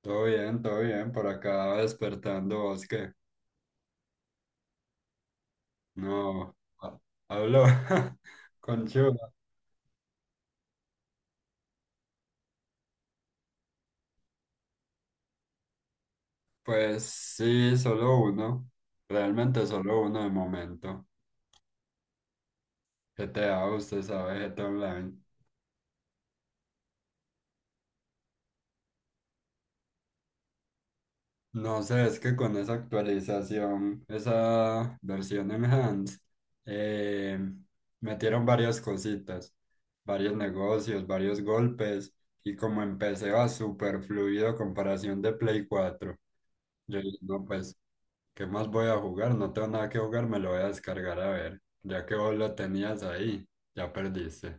Todo bien, por acá despertando vos que no ha- hablo con Chula. Pues sí, solo uno, realmente solo uno de momento. GTA, usted sabe, GTA Online. No sé, es que con esa actualización, esa versión enhanced, eh, metieron varias cositas, varios negocios, varios golpes, y como empecé va súper fluido a comparación de Play cuatro. Yo dije, no, pues ¿qué más voy a jugar? No tengo nada que jugar, me lo voy a descargar a ver. Ya que vos lo tenías ahí, ya perdiste.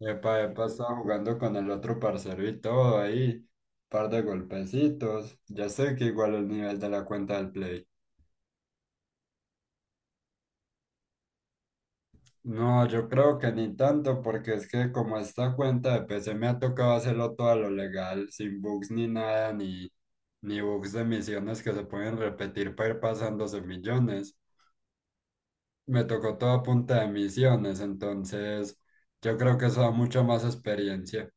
Epa, epa, estaba jugando con el otro parcero y todo ahí. Par de golpecitos. Ya sé que igual el nivel de la cuenta del Play. No, yo creo que ni tanto, porque es que como esta cuenta de PC me ha tocado hacerlo todo a lo legal, sin bugs ni nada, ni bugs de misiones que se pueden repetir para ir pasándose millones. Me tocó todo a punta de misiones, entonces yo creo que eso da mucha más experiencia.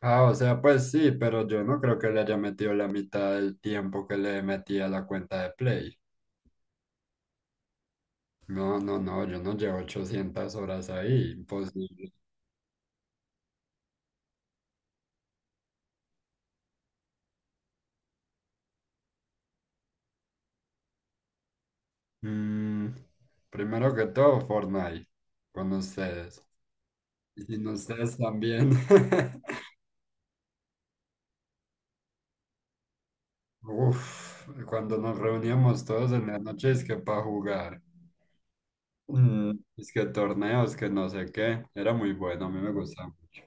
Ah, o sea, pues sí, pero yo no creo que le haya metido la mitad del tiempo que le metí a la cuenta de Play. No, no, no, yo no llevo 800 horas ahí, imposible. Mm, primero que todo, Fortnite, con ustedes. Y sin ustedes también. Uf, cuando nos reuníamos todos en las noches que para jugar. Mm, es que torneos, que no sé qué, era muy bueno, a mí me gustaba mucho.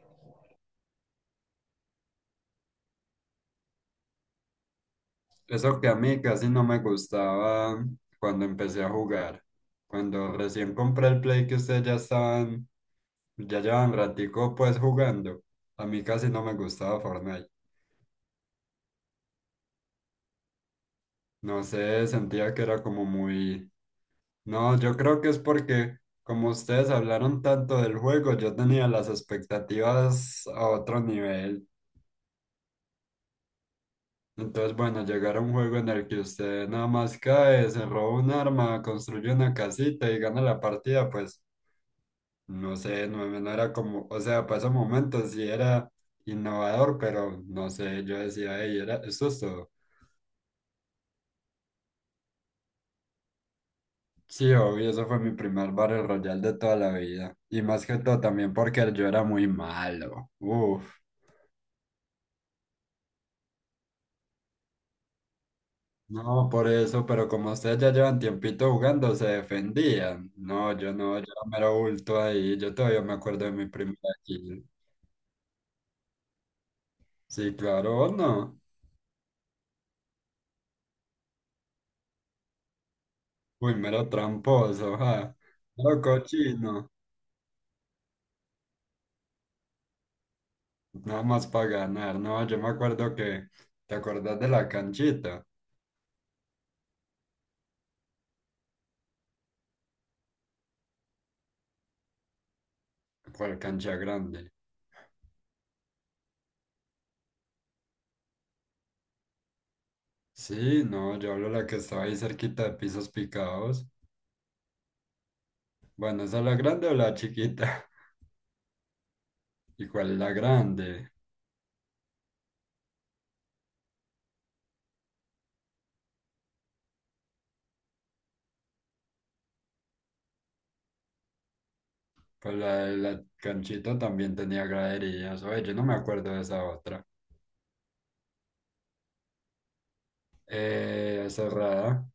Eso que a mí casi no me gustaba cuando empecé a jugar. Cuando recién compré el Play que ustedes ya estaban, ya llevan ratico pues jugando, a mí casi no me gustaba Fortnite. No sé, sentía que era como muy... No, yo creo que es porque como ustedes hablaron tanto del juego, yo tenía las expectativas a otro nivel. Entonces, bueno, llegar a un juego en el que usted nada más cae, se roba un arma, construye una casita y gana la partida, pues no sé, no, no era como, o sea, para ese momento sí era innovador, pero no sé, yo decía, hey, era, eso es todo. Sí, obvio, eso fue mi primer Battle Royale de toda la vida. Y más que todo también porque yo era muy malo. Uf. No, por eso, pero como ustedes ya llevan tiempito jugando, se defendían. No, yo no, yo era mero bulto ahí. Yo todavía me acuerdo de mi primera kill. Sí, claro, ¿o no? Uy, mero tramposo, ja. Mero cochino. Nada más para ganar. No, yo me acuerdo que. ¿Te acordás de la canchita? ¿Cuál cancha grande? Sí, no, yo hablo de la que estaba ahí cerquita de pisos picados. Bueno, ¿esa es la grande o la chiquita? ¿Y cuál es la grande? Pues la de la canchita también tenía graderías. Oye, yo no me acuerdo de esa otra. Cerrada.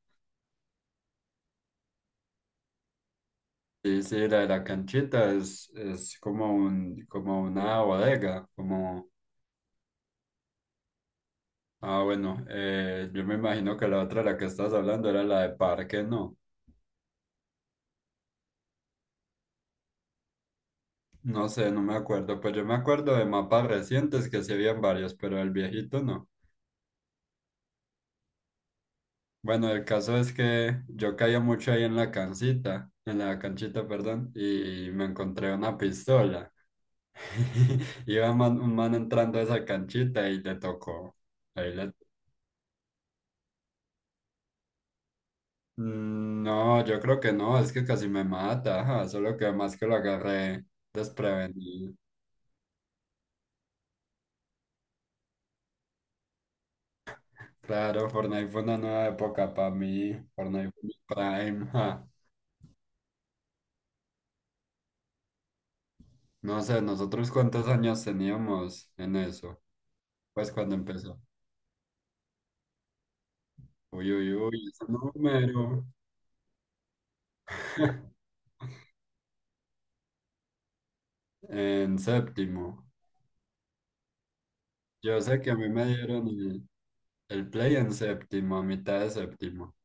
Sí, sí, la de la canchita es como un, como una bodega, como... Ah, bueno, yo me imagino que la otra, la que estás hablando, era la de parque, ¿no? No sé, no me acuerdo. Pues yo me acuerdo de mapas recientes que sí habían varios, pero el viejito no. Bueno, el caso es que yo caía mucho ahí en la cancita, en la canchita, perdón, y me encontré una pistola. Un man entrando a esa canchita y le tocó. Ahí le- Mm, no, yo creo que no, es que casi me mata, ajá, solo que más que lo agarré desprevenido. Claro, Fortnite fue una nueva época para mí, Fortnite fue mi prime, ajá. No sé, nosotros cuántos años teníamos en eso, pues cuando empezó. Uy, uy, uy, ese número. En séptimo. Yo sé que a mí me dieron el play en séptimo, a mitad de séptimo.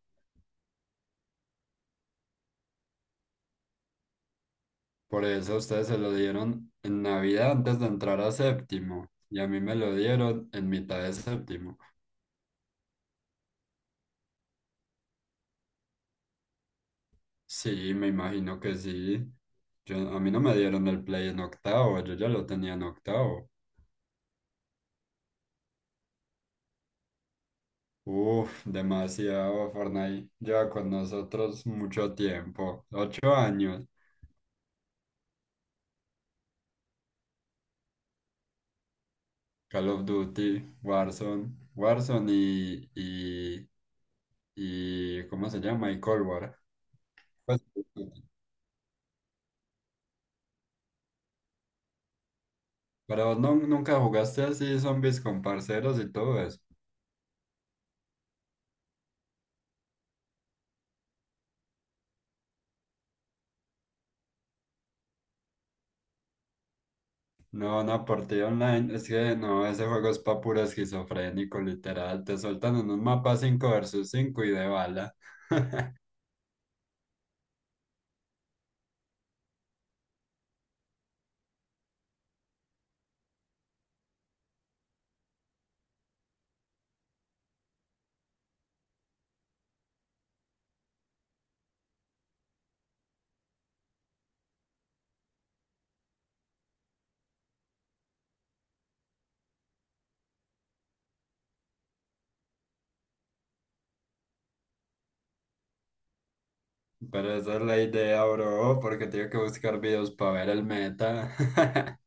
Por eso a ustedes se lo dieron en Navidad antes de entrar a séptimo. Y a mí me lo dieron en mitad de séptimo. Sí, me imagino que sí. Yo, a mí no me dieron el play en octavo, yo ya lo tenía en octavo. Uf, demasiado. Fortnite lleva con nosotros mucho tiempo. 8 años. Call of Duty, Warzone, Warzone y ¿cómo se llama? Y Cold War. Pues, pero no, ¿nunca jugaste así zombies con parceros y todo eso? No, una partida online, es que no, ese juego es pa' puro esquizofrénico, literal. Te soltan en un mapa 5 versus 5 y de bala. Pero esa es la idea, bro, porque tengo que buscar videos para ver el meta.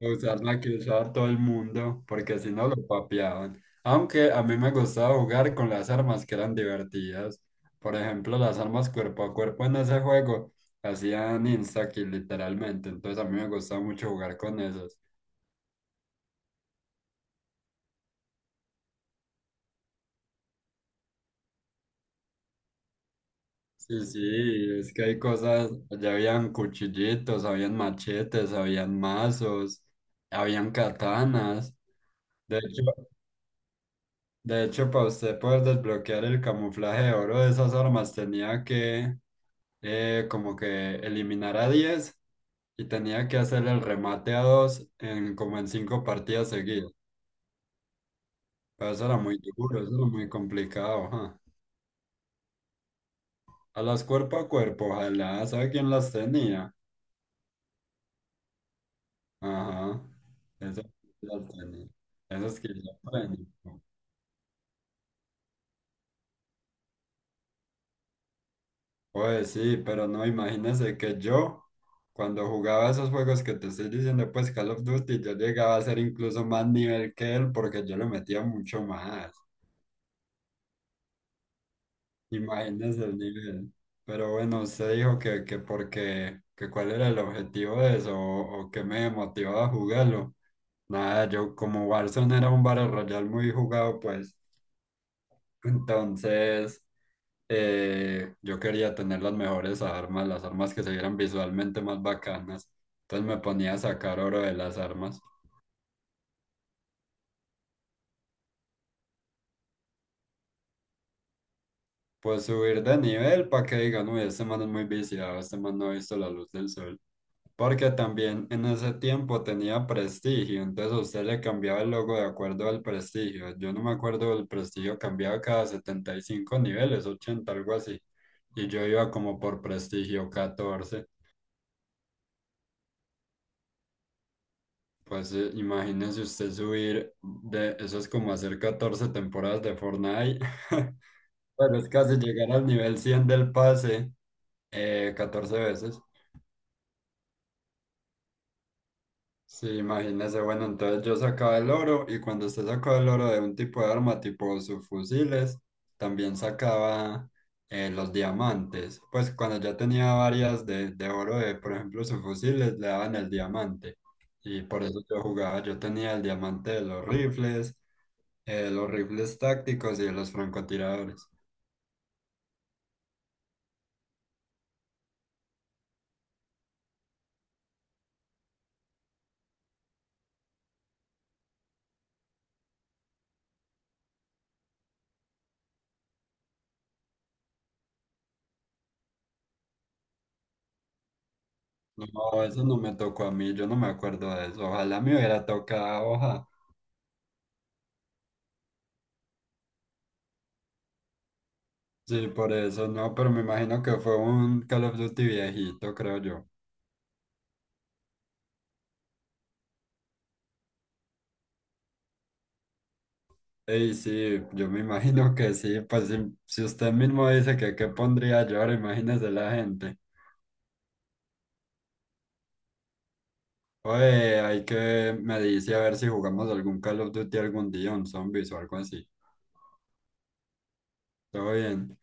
Usar la que usaba todo el mundo, porque si no lo papeaban. Aunque a mí me gustaba jugar con las armas que eran divertidas. Por ejemplo, las armas cuerpo a cuerpo en ese juego hacían insta-kill literalmente. Entonces a mí me gustaba mucho jugar con esas. Sí, sí, es que hay cosas, allá habían cuchillitos, habían machetes, habían mazos, habían katanas. De hecho, de hecho, para usted poder desbloquear el camuflaje de oro de esas armas tenía que como que eliminar a 10 y tenía que hacer el remate a 2 en como en 5 partidas seguidas. Pero eso era muy duro, eso era muy complicado, ajá. A las cuerpo a cuerpo, ojalá, ¿sabe quién las tenía? Ajá, esas que ya planeé. Esas que ya planeé. Pues sí, pero no, imagínese que yo, cuando jugaba esos juegos que te estoy diciendo, pues Call of Duty, yo llegaba a ser incluso más nivel que él porque yo le metía mucho más. Imagínese el nivel. Pero bueno, usted dijo que porque, que cuál era el objetivo de eso o qué me motivaba a jugarlo. Nada, yo como Warzone era un Battle Royale muy jugado, pues entonces... yo quería tener las mejores armas, las armas que se vieran visualmente más bacanas. Entonces me ponía a sacar oro de las armas. Pues subir de nivel para que digan, uy, este man es muy viciado, este man no ha visto la luz del sol. Porque también en ese tiempo tenía prestigio, entonces a usted le cambiaba el logo de acuerdo al prestigio. Yo no me acuerdo, el prestigio cambiaba cada 75 niveles, 80 algo así. Y yo iba como por prestigio 14. Pues imagínese usted subir de, eso es como hacer 14 temporadas de Fortnite. Bueno, es casi llegar al nivel 100 del pase 14 veces. Sí, imagínese, bueno, entonces yo sacaba el oro y cuando usted sacaba el oro de un tipo de arma, tipo sus fusiles, también sacaba los diamantes. Pues cuando ya tenía varias de oro de, por ejemplo, sus fusiles, le daban el diamante. Y por eso yo jugaba, yo tenía el diamante de los rifles tácticos y los francotiradores. No, eso no me tocó a mí, yo no me acuerdo de eso. Ojalá me hubiera tocado, hoja. Sí, por eso no, pero me imagino que fue un Call of Duty viejito, creo yo. Ey, sí, yo me imagino que sí, pues si, si usted mismo dice que qué pondría yo, ahora imagínese la gente. Oye, hay que, me dice a ver si jugamos algún Call of Duty algún día, un zombies o algo así. Todo bien.